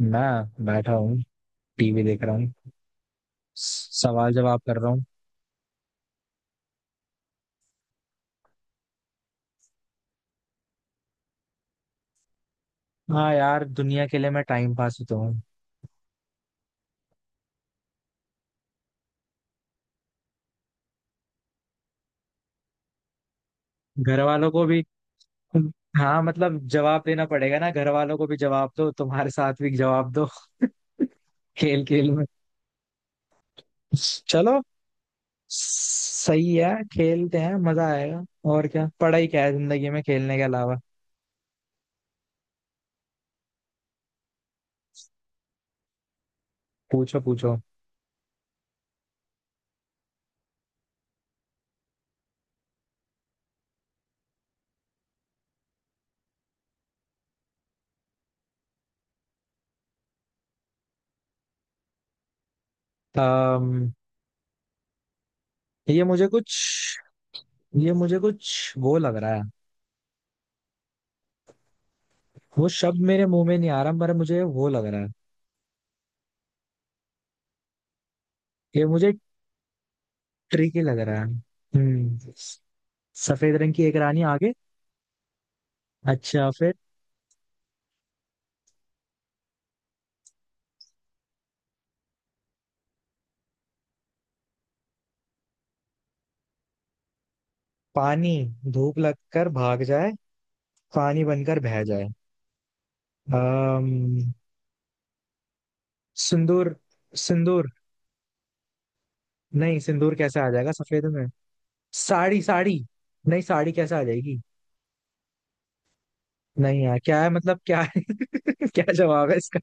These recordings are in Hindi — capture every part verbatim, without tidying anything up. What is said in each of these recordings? मैं बैठा हूँ। टीवी देख रहा हूँ। सवाल जवाब कर रहा हूँ। हाँ यार, दुनिया के लिए मैं टाइम पास ही तो हूँ। घर वालों को भी, हाँ मतलब जवाब देना पड़ेगा ना, घर वालों को भी जवाब दो, तुम्हारे साथ भी जवाब दो। खेल खेल में। चलो सही है, खेलते हैं, मजा आएगा। और क्या, पढ़ाई क्या है जिंदगी में खेलने के अलावा। पूछो पूछो। अम्म ये मुझे कुछ ये मुझे कुछ वो लग रहा है। वो शब्द मेरे मुंह में नहीं आ रहा, पर मुझे वो लग रहा है। ये मुझे ट्रिकी लग रहा है। हम्म सफेद रंग की एक रानी, आगे। अच्छा फिर। पानी, धूप लगकर भाग जाए, पानी बनकर बह जाए। अम्म सिंदूर। सिंदूर। नहीं, सिंदूर कैसे आ जाएगा सफेद में। साड़ी साड़ी। नहीं, साड़ी कैसे आ जाएगी। नहीं यार, क्या है, मतलब क्या है। क्या जवाब है इसका।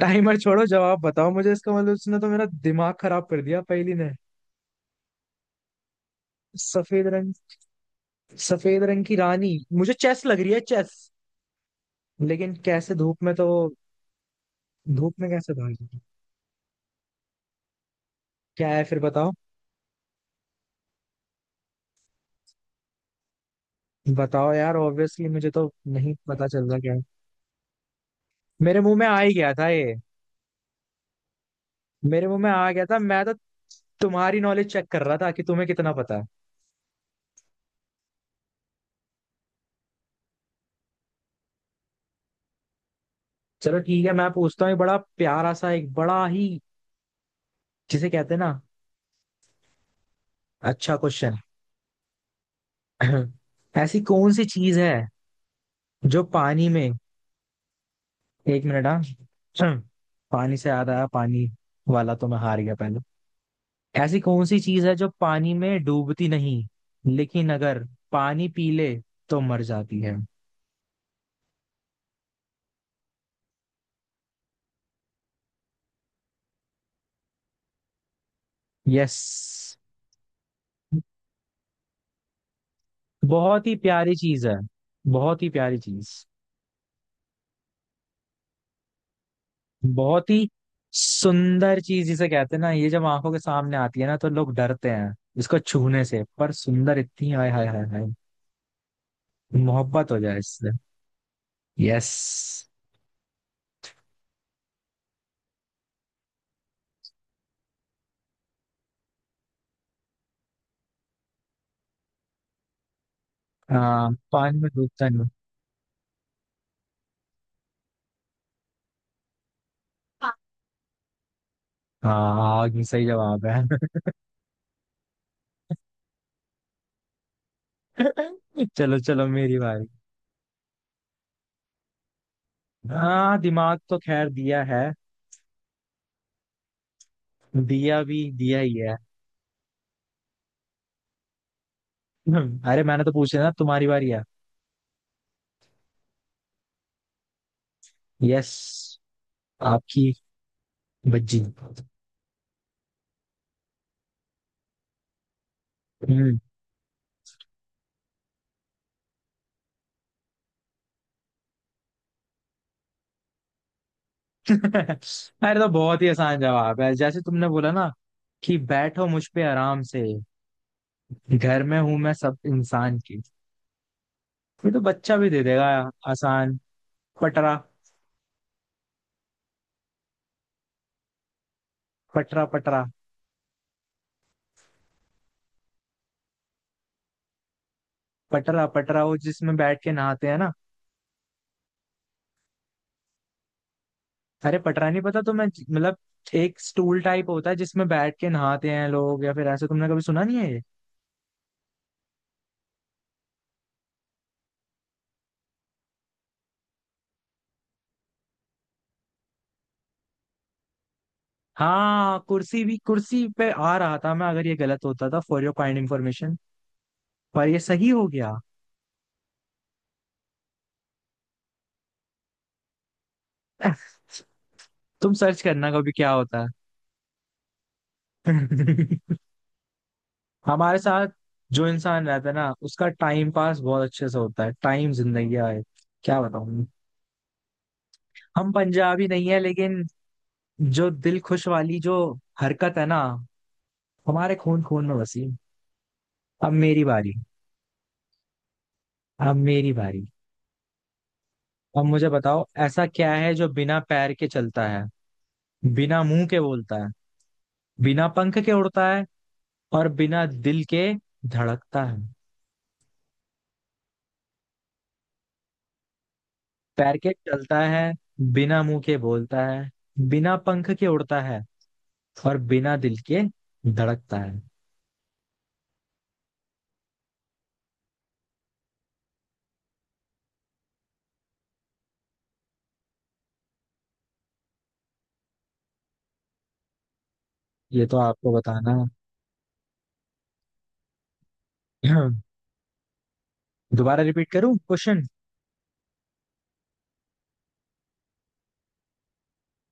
टाइमर छोड़ो, जवाब बताओ मुझे इसका। मतलब उसने तो मेरा दिमाग खराब कर दिया पहली ने। सफेद रंग सफेद रंग की रानी। मुझे चेस लग रही है, चेस। लेकिन कैसे, धूप में तो। धूप में कैसे भागेंगे। क्या है फिर, बताओ। बताओ यार, ऑब्वियसली मुझे तो नहीं पता चल रहा क्या है। मेरे मुंह में आ ही गया था ये। मेरे मुंह में आ गया था मैं तो तुम्हारी नॉलेज चेक कर रहा था कि तुम्हें कितना पता है। चलो ठीक है, मैं पूछता हूँ। एक बड़ा प्यारा सा एक बड़ा ही, जिसे कहते हैं ना, अच्छा क्वेश्चन। ऐसी कौन सी चीज है जो पानी में, एक मिनट। हाँ। पानी से याद आया, पानी वाला तो मैं हार गया पहले। ऐसी कौन सी चीज है जो पानी में डूबती नहीं, लेकिन अगर पानी पी ले तो मर जाती है। यस। बहुत ही प्यारी चीज है, बहुत ही प्यारी चीज। बहुत ही सुंदर चीज, जिसे कहते हैं ना, ये जब आंखों के सामने आती है ना तो लोग डरते हैं इसको छूने से, पर सुंदर इतनी, हाय हाय हाय हाय, मोहब्बत हो जाए इससे। यस। हाँ, पानी में डूबता नहीं। हाँ, आग सही जवाब है। चलो चलो, मेरी बारी। हाँ, दिमाग तो खैर दिया है, दिया भी दिया ही है। हम्म, अरे मैंने तो पूछा ना, तुम्हारी बारी है। यस। आपकी बज्जी। हम्म। अरे तो बहुत ही आसान जवाब है, जैसे तुमने बोला ना कि बैठो मुझ पे आराम से, घर में हूं मैं सब इंसान की। ये तो बच्चा भी दे देगा। आसान। पटरा। पटरा पटरा। पटरा पटरा वो जिसमें बैठ के नहाते हैं ना। अरे पटरा नहीं पता, तो मैं मतलब एक स्टूल टाइप होता है जिसमें बैठ के नहाते हैं लोग। या फिर ऐसे, तुमने कभी सुना नहीं है ये। हाँ, कुर्सी भी कुर्सी पे आ रहा था मैं, अगर ये गलत होता, था फॉर योर काइंड इंफॉर्मेशन। पर ये सही हो गया। तुम सर्च करना कभी क्या होता है। हमारे साथ जो इंसान रहता है ना, उसका टाइम पास बहुत अच्छे से होता है। टाइम जिंदगी है, क्या बताऊं। हम पंजाबी नहीं है, लेकिन जो दिल खुश वाली जो हरकत है ना, हमारे खून खून में बसी। अब मेरी बारी, अब मेरी बारी। अब मुझे बताओ, ऐसा क्या है जो बिना पैर के चलता है, बिना मुंह के बोलता है, बिना पंख के उड़ता है, और बिना दिल के धड़कता है। पैर के चलता है, बिना मुंह के बोलता है, बिना पंख के उड़ता है, और बिना दिल के धड़कता है। ये तो आपको बताना है। दोबारा रिपीट करूं क्वेश्चन?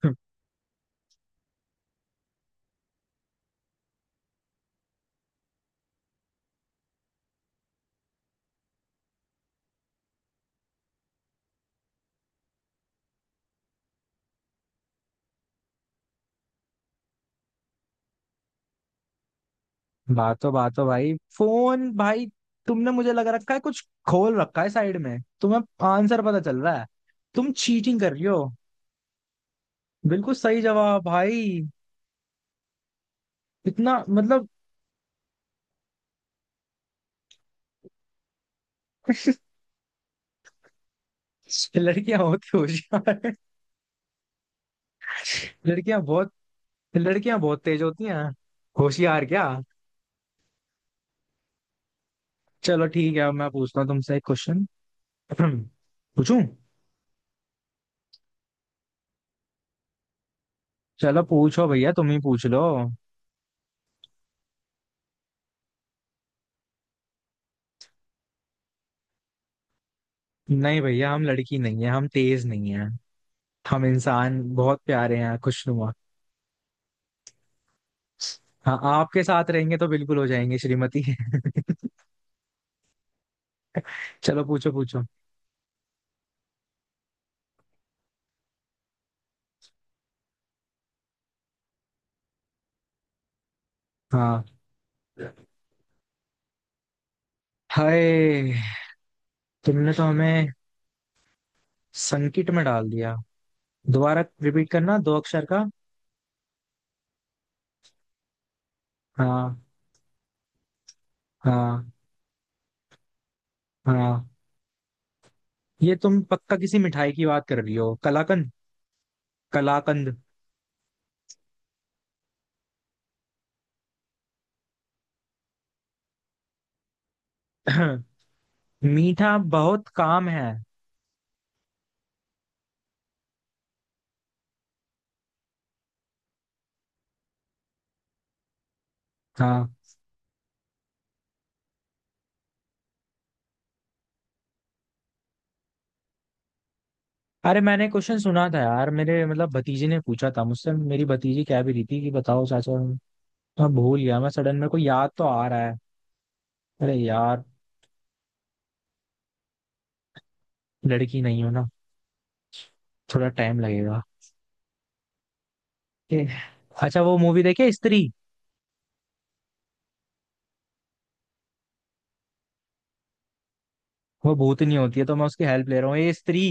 बातो बातो भाई, फोन भाई। तुमने मुझे लग रखा है कुछ, खोल रखा है साइड में तुम्हें आंसर पता चल रहा है, तुम चीटिंग कर रही हो। बिल्कुल सही जवाब भाई। इतना मतलब लड़कियां होती होशियार हैं। लड़कियां बहुत लड़कियां बहुत तेज होती हैं, होशियार क्या। चलो ठीक है, अब मैं पूछता हूँ तुमसे एक क्वेश्चन। पूछूं। चलो पूछो भैया, तुम ही पूछ लो। नहीं भैया, हम लड़की नहीं है, हम तेज नहीं है। हम इंसान बहुत प्यारे हैं, खुश। हाँ आपके साथ रहेंगे तो बिल्कुल हो जाएंगे श्रीमती। चलो पूछो पूछो। हाँ। हाय, तुमने तो हमें संकट में डाल दिया। दोबारा रिपीट करना, दो अक्षर का। हाँ। हाँ। हाँ, ये तुम पक्का किसी मिठाई की बात कर रही हो, कलाकंद, कलाकंद। मीठा बहुत काम है। हाँ। अरे मैंने क्वेश्चन सुना था यार, मेरे मतलब भतीजे ने पूछा था मुझसे, मेरी भतीजी कह भी रही थी कि बताओ चाचा, मैं भूल गया। मैं सडन, मेरे को याद तो आ रहा है, अरे यार। लड़की नहीं हो ना, थोड़ा टाइम लगेगा। ठीक है। अच्छा वो मूवी देखे स्त्री, वो भूतनी होती है, तो मैं उसकी हेल्प ले रहा हूँ ये स्त्री।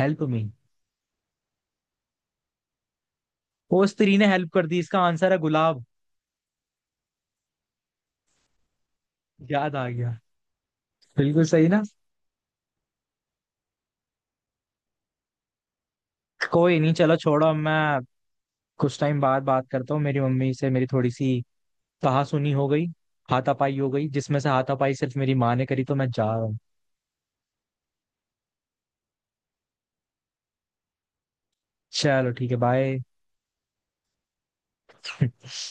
Help me. वो स्त्री ने हेल्प कर दी, इसका आंसर है गुलाब। याद आ गया। बिल्कुल सही ना। कोई नहीं, चलो छोड़ो। अब मैं कुछ टाइम बाद बात करता हूँ, मेरी मम्मी से मेरी थोड़ी सी कहासुनी हो गई, हाथापाई हो गई, जिसमें से हाथापाई सिर्फ मेरी माँ ने करी, तो मैं जा रहा हूँ। चलो ठीक है, बाय।